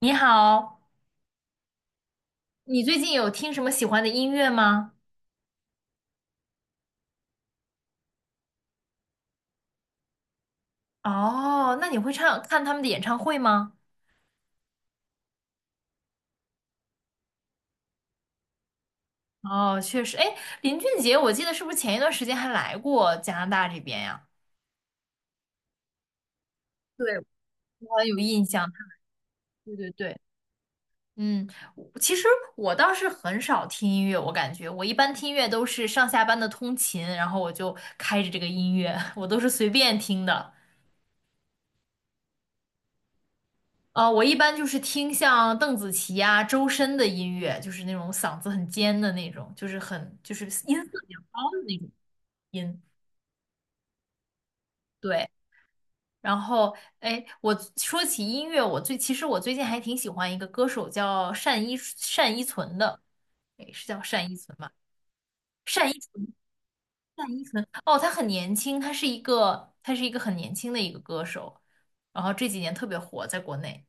你好，你最近有听什么喜欢的音乐吗？哦，那你会唱，看他们的演唱会吗？哦，确实，哎，林俊杰，我记得是不是前一段时间还来过加拿大这边呀？对，我有印象。对对对，嗯，我其实我倒是很少听音乐，我感觉我一般听音乐都是上下班的通勤，然后我就开着这个音乐，我都是随便听的。我一般就是听像邓紫棋啊、周深的音乐，就是那种嗓子很尖的那种，就是很就是音色比较高的那种音。对，然后哎，我说起音乐，其实我最近还挺喜欢一个歌手叫单依纯的，哎，是叫单依纯吗？单依纯，单依纯，哦，她很年轻，她是一个很年轻的一个歌手，然后这几年特别火，在国内。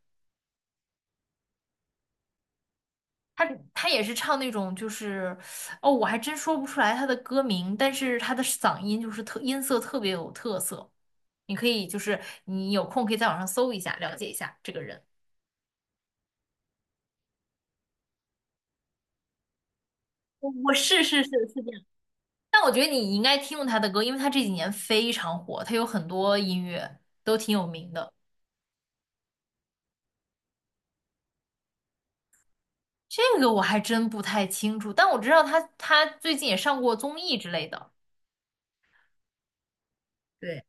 他他也是唱那种就是，哦，我还真说不出来他的歌名，但是他的嗓音就是音色特别有特色，你可以就是你有空可以在网上搜一下，了解一下这个人。我是这样，但我觉得你应该听过他的歌，因为他这几年非常火，他有很多音乐都挺有名的。这个我还真不太清楚，但我知道他最近也上过综艺之类的，对，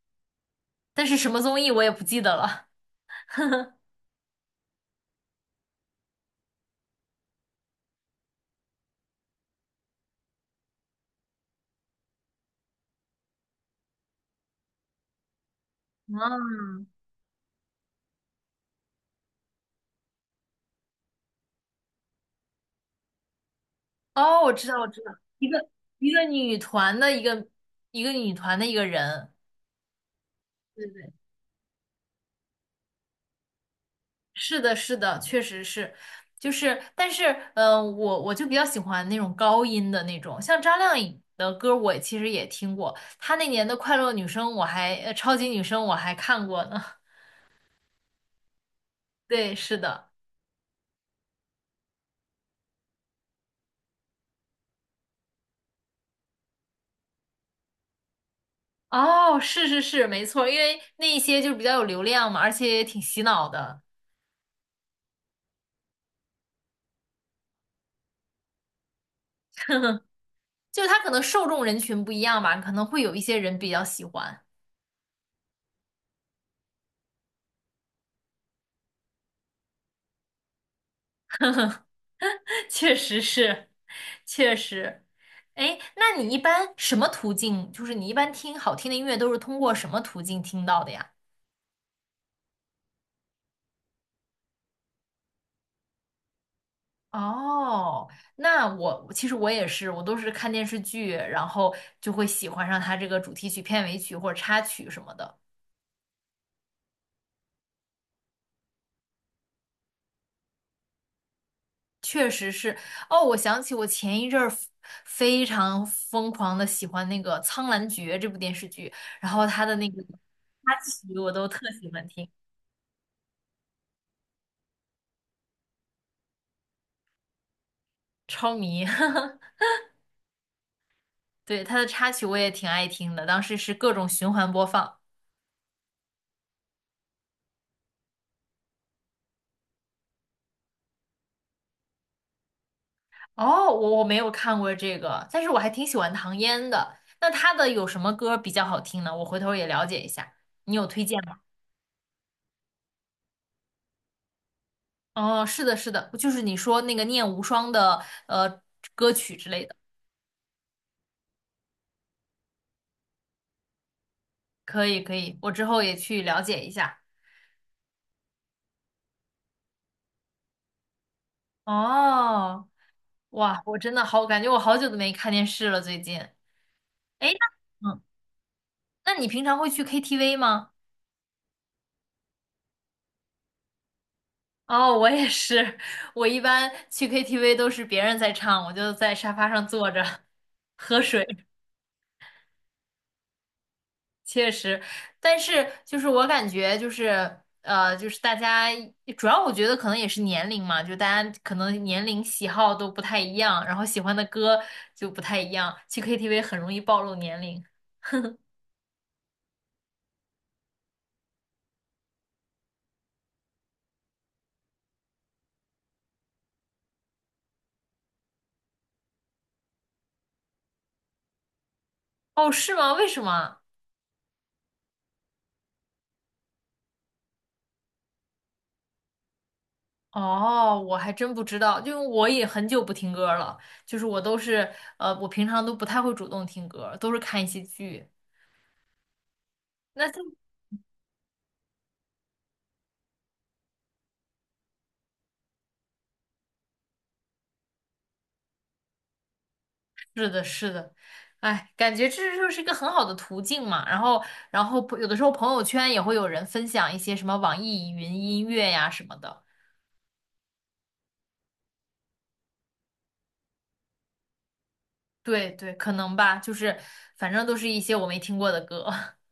但是什么综艺我也不记得了。啊，哦，我知道，我知道，一个一个女团的一个一个女团的一个人，对对，是的，是的，确实是，就是，但是，我就比较喜欢那种高音的那种，像张靓颖的歌，我其实也听过，她那年的《快乐女声》，超级女声》我还看过呢。对，是的，哦，是是是，没错，因为那一些就是比较有流量嘛，而且也挺洗脑的，就它可能受众人群不一样吧，可能会有一些人比较喜欢，确实是。确实。哎，那你一般什么途径？就是你一般听好听的音乐都是通过什么途径听到的呀？哦，那我其实我也是，我都是看电视剧，然后就会喜欢上它这个主题曲、片尾曲或者插曲什么的。确实是。哦，我想起我前一阵儿非常疯狂的喜欢那个《苍兰诀》这部电视剧，然后它的那个插曲我都特喜欢听，超迷。对，他的插曲我也挺爱听的，当时是各种循环播放。哦，我没有看过这个，但是我还挺喜欢唐嫣的。那她的有什么歌比较好听呢？我回头也了解一下，你有推荐吗？哦，是的，是的，就是你说那个《念无双》的歌曲之类的，可以可以，我之后也去了解一下。哦，哇，我真的好，感觉我好久都没看电视了，最近。哎，那嗯，那你平常会去 KTV 吗？哦，我也是，我一般去 KTV 都是别人在唱，我就在沙发上坐着喝水，确实。但是就是我感觉就是就是大家主要我觉得可能也是年龄嘛，就大家可能年龄喜好都不太一样，然后喜欢的歌就不太一样，去 KTV 很容易暴露年龄。哦，是吗？为什么？哦，我还真不知道，因为我也很久不听歌了，就是我平常都不太会主动听歌，都是看一些剧。那就是的，是的，哎，感觉这就是一个很好的途径嘛。然后，有的时候朋友圈也会有人分享一些什么网易云音乐呀什么的。对对，可能吧，就是反正都是一些我没听过的歌。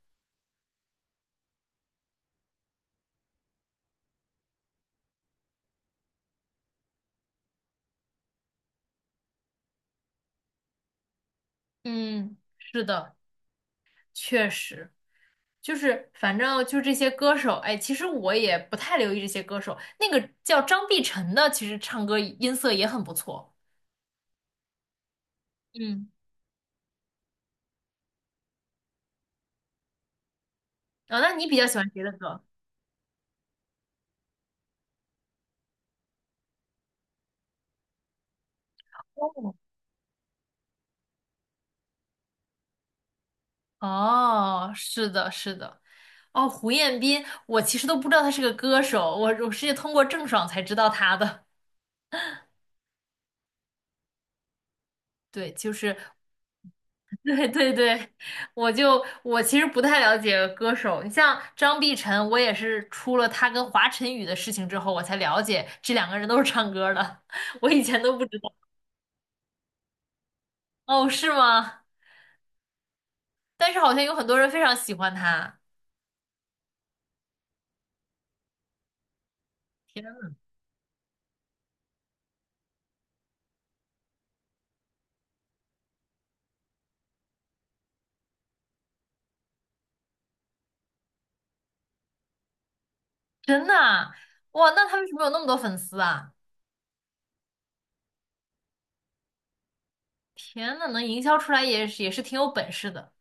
嗯，是的，确实。就是反正就这些歌手，哎，其实我也不太留意这些歌手。那个叫张碧晨的，其实唱歌音色也很不错。嗯，啊、那你比较喜欢谁的歌？哦，哦，是的，是的，哦，胡彦斌，我其实都不知道他是个歌手，我是通过郑爽才知道他的。对，就是对对对，我其实不太了解歌手，你像张碧晨，我也是出了他跟华晨宇的事情之后，我才了解这两个人都是唱歌的，我以前都不知道。哦，是吗？但是好像有很多人非常喜欢他，天呐，真的啊，哇，那他为什么有那么多粉丝啊？天呐，能营销出来也是挺有本事的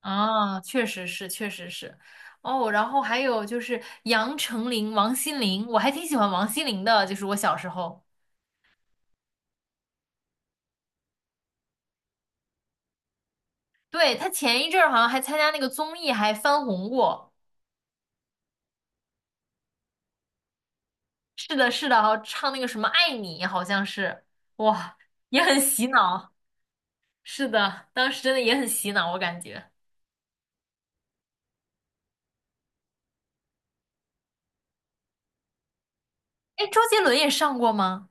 啊，确实是，确实是。哦，然后还有就是杨丞琳、王心凌，我还挺喜欢王心凌的，就是我小时候。对，他前一阵儿好像还参加那个综艺，还翻红过。是的，是的，好像唱那个什么《爱你》，好像是，哇，也很洗脑。是的，当时真的也很洗脑，我感觉。哎，周杰伦也上过吗？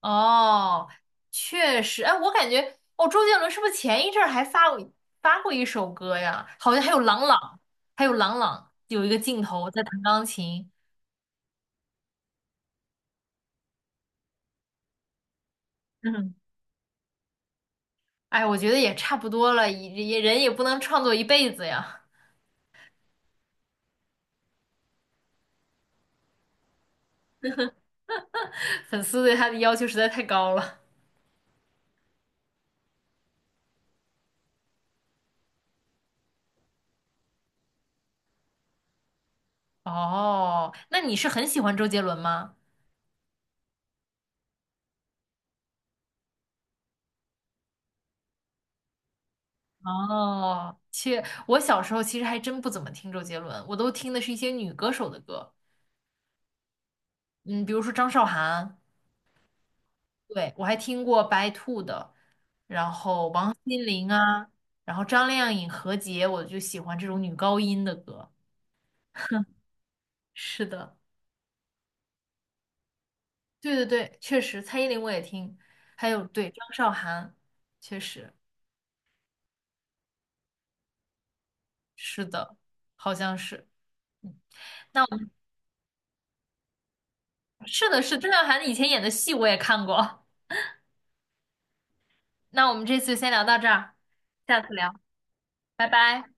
哦，确实，哎，我感觉，哦，周杰伦是不是前一阵儿还发过一首歌呀？好像还有郎朗，有一个镜头在弹钢琴。嗯，哎，我觉得也差不多了，也人也不能创作一辈子呀。粉丝对他的要求实在太高了。哦，那你是很喜欢周杰伦吗？哦，切，我小时候其实还真不怎么听周杰伦，我都听的是一些女歌手的歌，嗯，比如说张韶涵，对，我还听过白兔的、心灵啊，然后张靓颖、何洁，我就喜欢这种女高音的歌。是的，对对对，确实，蔡依林我也听，还有对张韶涵，确实是的，好像是。嗯，那是的，是的郑韶涵以前演的戏我也看过。那我们这次先聊到这儿，下次聊，拜拜。